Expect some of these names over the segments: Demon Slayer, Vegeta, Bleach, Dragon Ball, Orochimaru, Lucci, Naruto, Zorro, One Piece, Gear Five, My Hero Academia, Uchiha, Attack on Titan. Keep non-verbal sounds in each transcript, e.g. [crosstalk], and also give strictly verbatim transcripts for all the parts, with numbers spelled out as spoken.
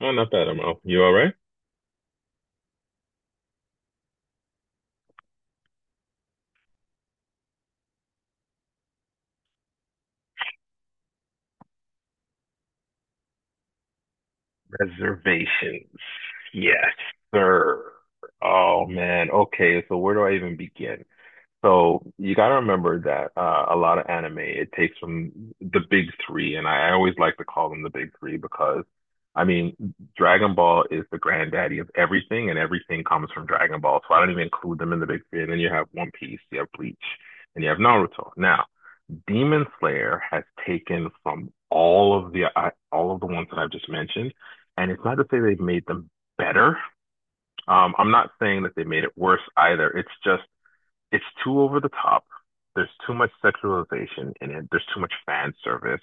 Oh, not bad, M L. You all right? Reservations. Yes, sir. Oh man. Okay, so where do I even begin? So you gotta remember that uh, a lot of anime it takes from the big three, and I always like to call them the big three because I mean Dragon Ball is the granddaddy of everything, and everything comes from Dragon Ball. So I don't even include them in the big three. And then you have One Piece, you have Bleach, and you have Naruto. Now Demon Slayer has taken from all of the I, all of the ones that I've just mentioned, and it's not to say they've made them better. Um, I'm not saying that they made it worse either. It's just it's too over the top. There's too much sexualization in it. There's too much fan service.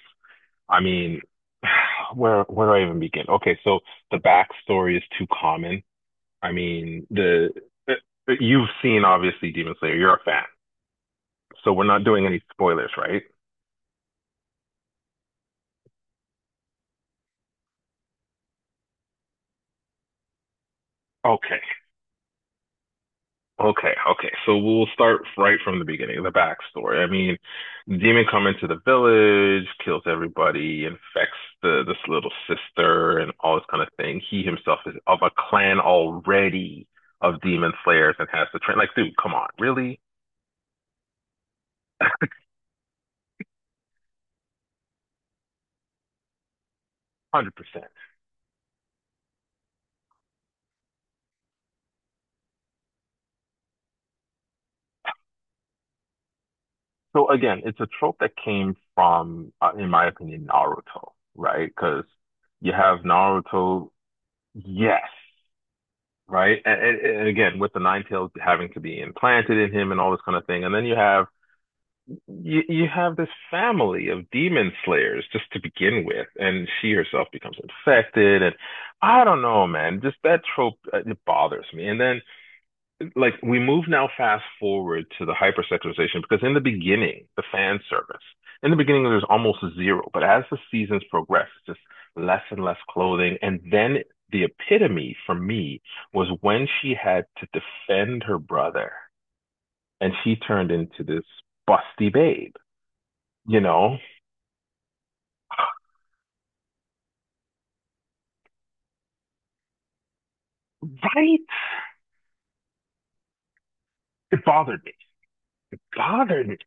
I mean, [sighs] where where do I even begin? Okay, so the backstory is too common. I mean, the uh, uh, you've seen obviously Demon Slayer. You're a fan, so we're not doing any spoilers, right? Okay, Okay, okay. So we'll start right from the beginning, the backstory. I mean, demon come into the village, kills everybody, infects the this little sister and all this kind of thing. He himself is of a clan already of demon slayers and has to train. Like, dude, come on, really? one hundred percent. So again, it's a trope that came from, uh, in my opinion, Naruto, right? Because you have Naruto, yes, right? And, and, again, with the nine tails having to be implanted in him and all this kind of thing, and then you have you, you have this family of demon slayers just to begin with, and she herself becomes infected, and I don't know, man, just that trope uh, it bothers me. And then like we move now fast forward to the hypersexualization because in the beginning, the fan service, in the beginning there's almost zero, but as the seasons progress, it's just less and less clothing. And then the epitome for me was when she had to defend her brother and she turned into this busty babe, you know? [gasps] Right? It bothered me. Bothered me.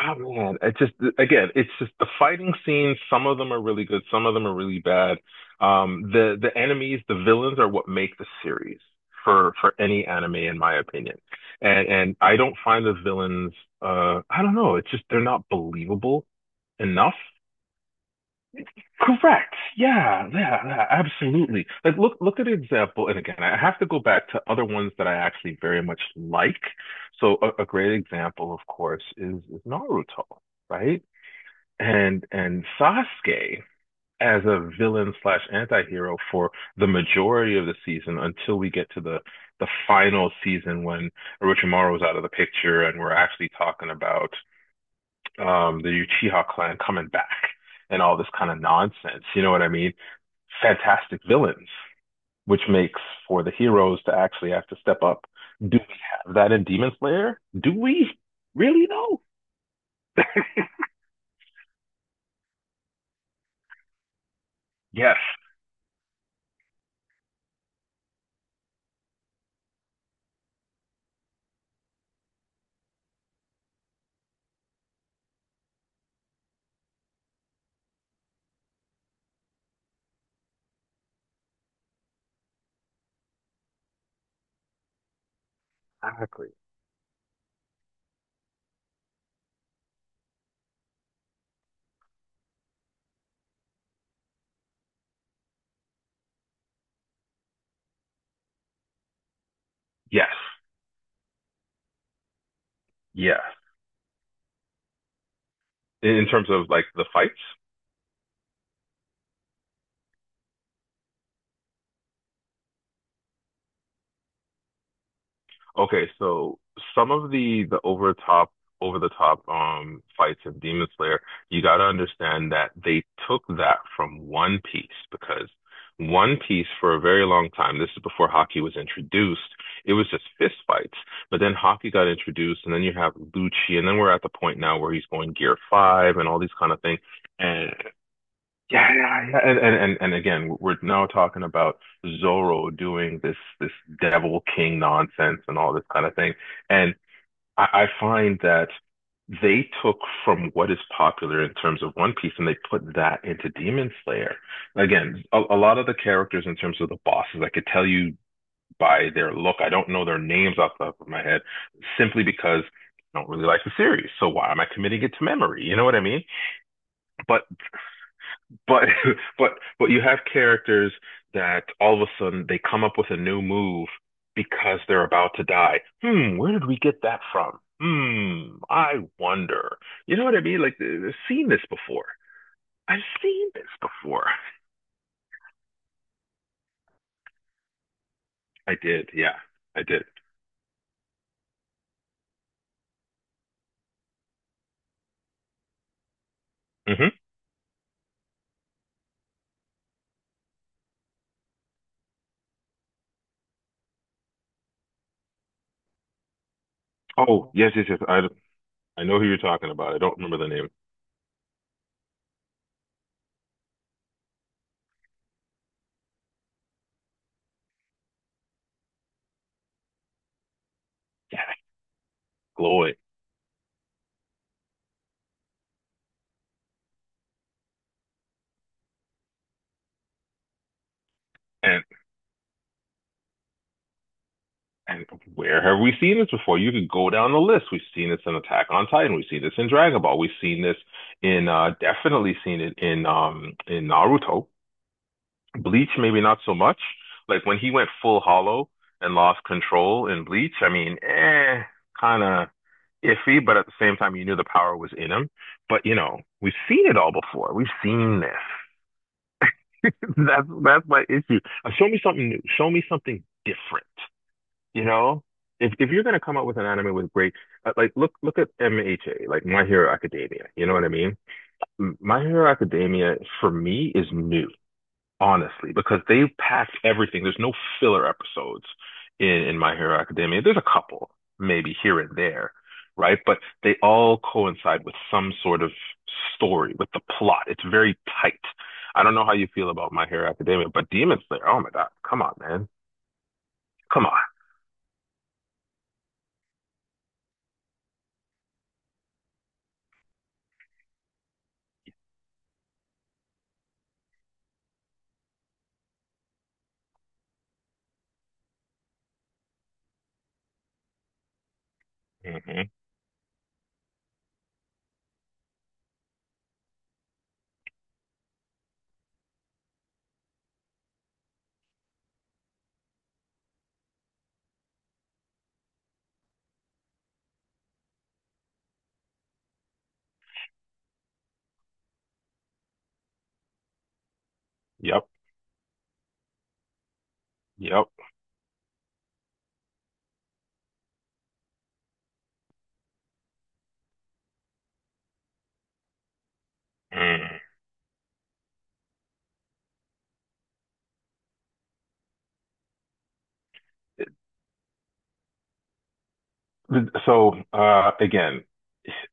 Oh man, it's just again, it's just the fighting scenes. Some of them are really good, some of them are really bad. Um, the the enemies, the villains, are what make the series for for any anime, in my opinion. And and I don't find the villains. Uh, I don't know. It's just they're not believable enough. Correct. Yeah, yeah, yeah, absolutely. Like look look at an example, and again, I have to go back to other ones that I actually very much like. So a, a great example, of course, is, is Naruto, right? and and Sasuke as a villain slash anti-hero for the majority of the season until we get to the the final season when Orochimaru is out of the picture and we're actually talking about um, the Uchiha clan coming back and all this kind of nonsense. You know what I mean? Fantastic villains, which makes for the heroes to actually have to step up. Do we have that in Demon Slayer? Do we really though? Yes, exactly. Yes, yes. In terms of like the fights. Okay, so some of the the over top over the top um fights in Demon Slayer, you got to understand that they took that from One Piece because One Piece for a very long time, this is before hockey was introduced, it was just fist fights. But then hockey got introduced, and then you have Lucci, and then we're at the point now where he's going Gear Five and all these kind of things. And yeah, yeah, yeah. And, and and and again, we're now talking about Zorro doing this this devil king nonsense and all this kind of thing. And I, I find that they took from what is popular in terms of One Piece and they put that into Demon Slayer. Again, a, a lot of the characters in terms of the bosses, I could tell you by their look. I don't know their names off the top of my head, simply because I don't really like the series. So why am I committing it to memory? You know what I mean? But but [laughs] but but you have characters that all of a sudden they come up with a new move because they're about to die. Hmm, where did we get that from? Hmm, I wonder. You know what I mean? Like, I've seen this before. I've seen this before. I did, yeah, I did. Hmm. Oh, yes, yes, yes. I I know who you're talking about. I don't remember the name. Yeah, Gloy. And And where have we seen this before? You could go down the list. We've seen this in Attack on Titan. We've seen this in Dragon Ball. We've seen this in uh definitely seen it in um in Naruto. Bleach, maybe not so much. Like when he went full hollow and lost control in Bleach, I mean, eh, kind of iffy, but at the same time, you knew the power was in him. But you know, we've seen it all before. We've seen this. [laughs] That's that's my issue. Uh, show me something new. Show me something different. You know, if if you're gonna come up with an anime with great, uh, like look look at M H A, like My Hero Academia. You know what I mean? M- My Hero Academia for me is new, honestly, because they packed everything. There's no filler episodes in in My Hero Academia. There's a couple maybe here and there, right? But they all coincide with some sort of story, with the plot. It's very tight. I don't know how you feel about My Hero Academia, but Demon Slayer, oh my God, come on, man. Come on. Hmm. Yep. Yep. Mm. So uh, again,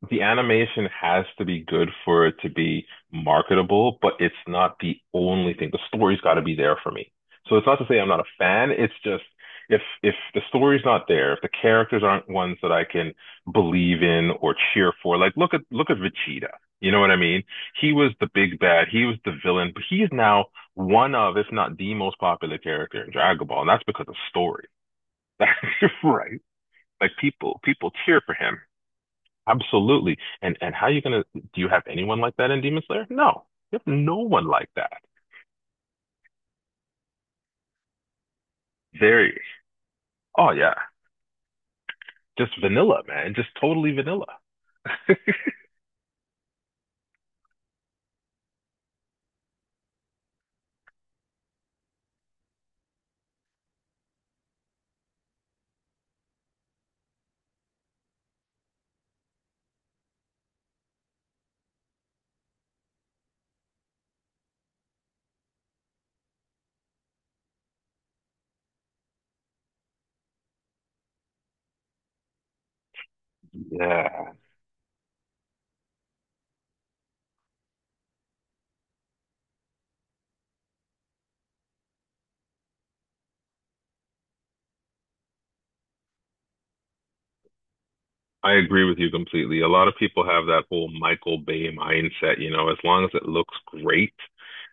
the animation has to be good for it to be marketable, but it's not the only thing. The story's got to be there for me. So it's not to say I'm not a fan. It's just if if the story's not there, if the characters aren't ones that I can believe in or cheer for, like look at look at Vegeta. You know what I mean? He was the big bad. He was the villain, but he's now one of, if not the most popular character in Dragon Ball, and that's because of story. [laughs] Right. Like people, people cheer for him. Absolutely. And and how are you gonna do you have anyone like that in Demon Slayer? No. You have no one like that. Very. Oh yeah. Just vanilla, man. Just totally vanilla. Yeah. I agree with you completely. A lot of people have that whole Michael Bay mindset, you know, as long as it looks great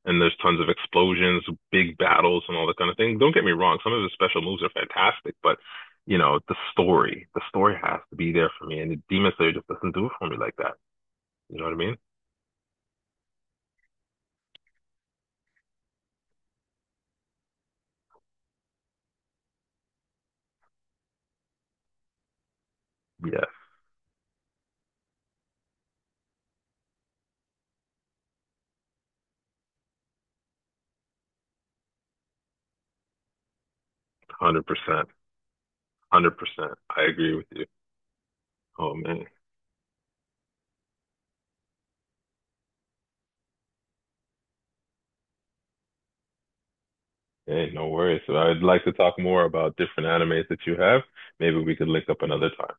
and there's tons of explosions, big battles and all that kind of thing. Don't get me wrong, some of the special moves are fantastic, but you know, the story, the story has to be there for me. And Demon Slayer just doesn't do it for me like that. You know what I mean? Yes, hundred percent, hundred percent. I agree with you. Oh man, hey, no worries. So I'd like to talk more about different animes that you have. Maybe we could link up another time.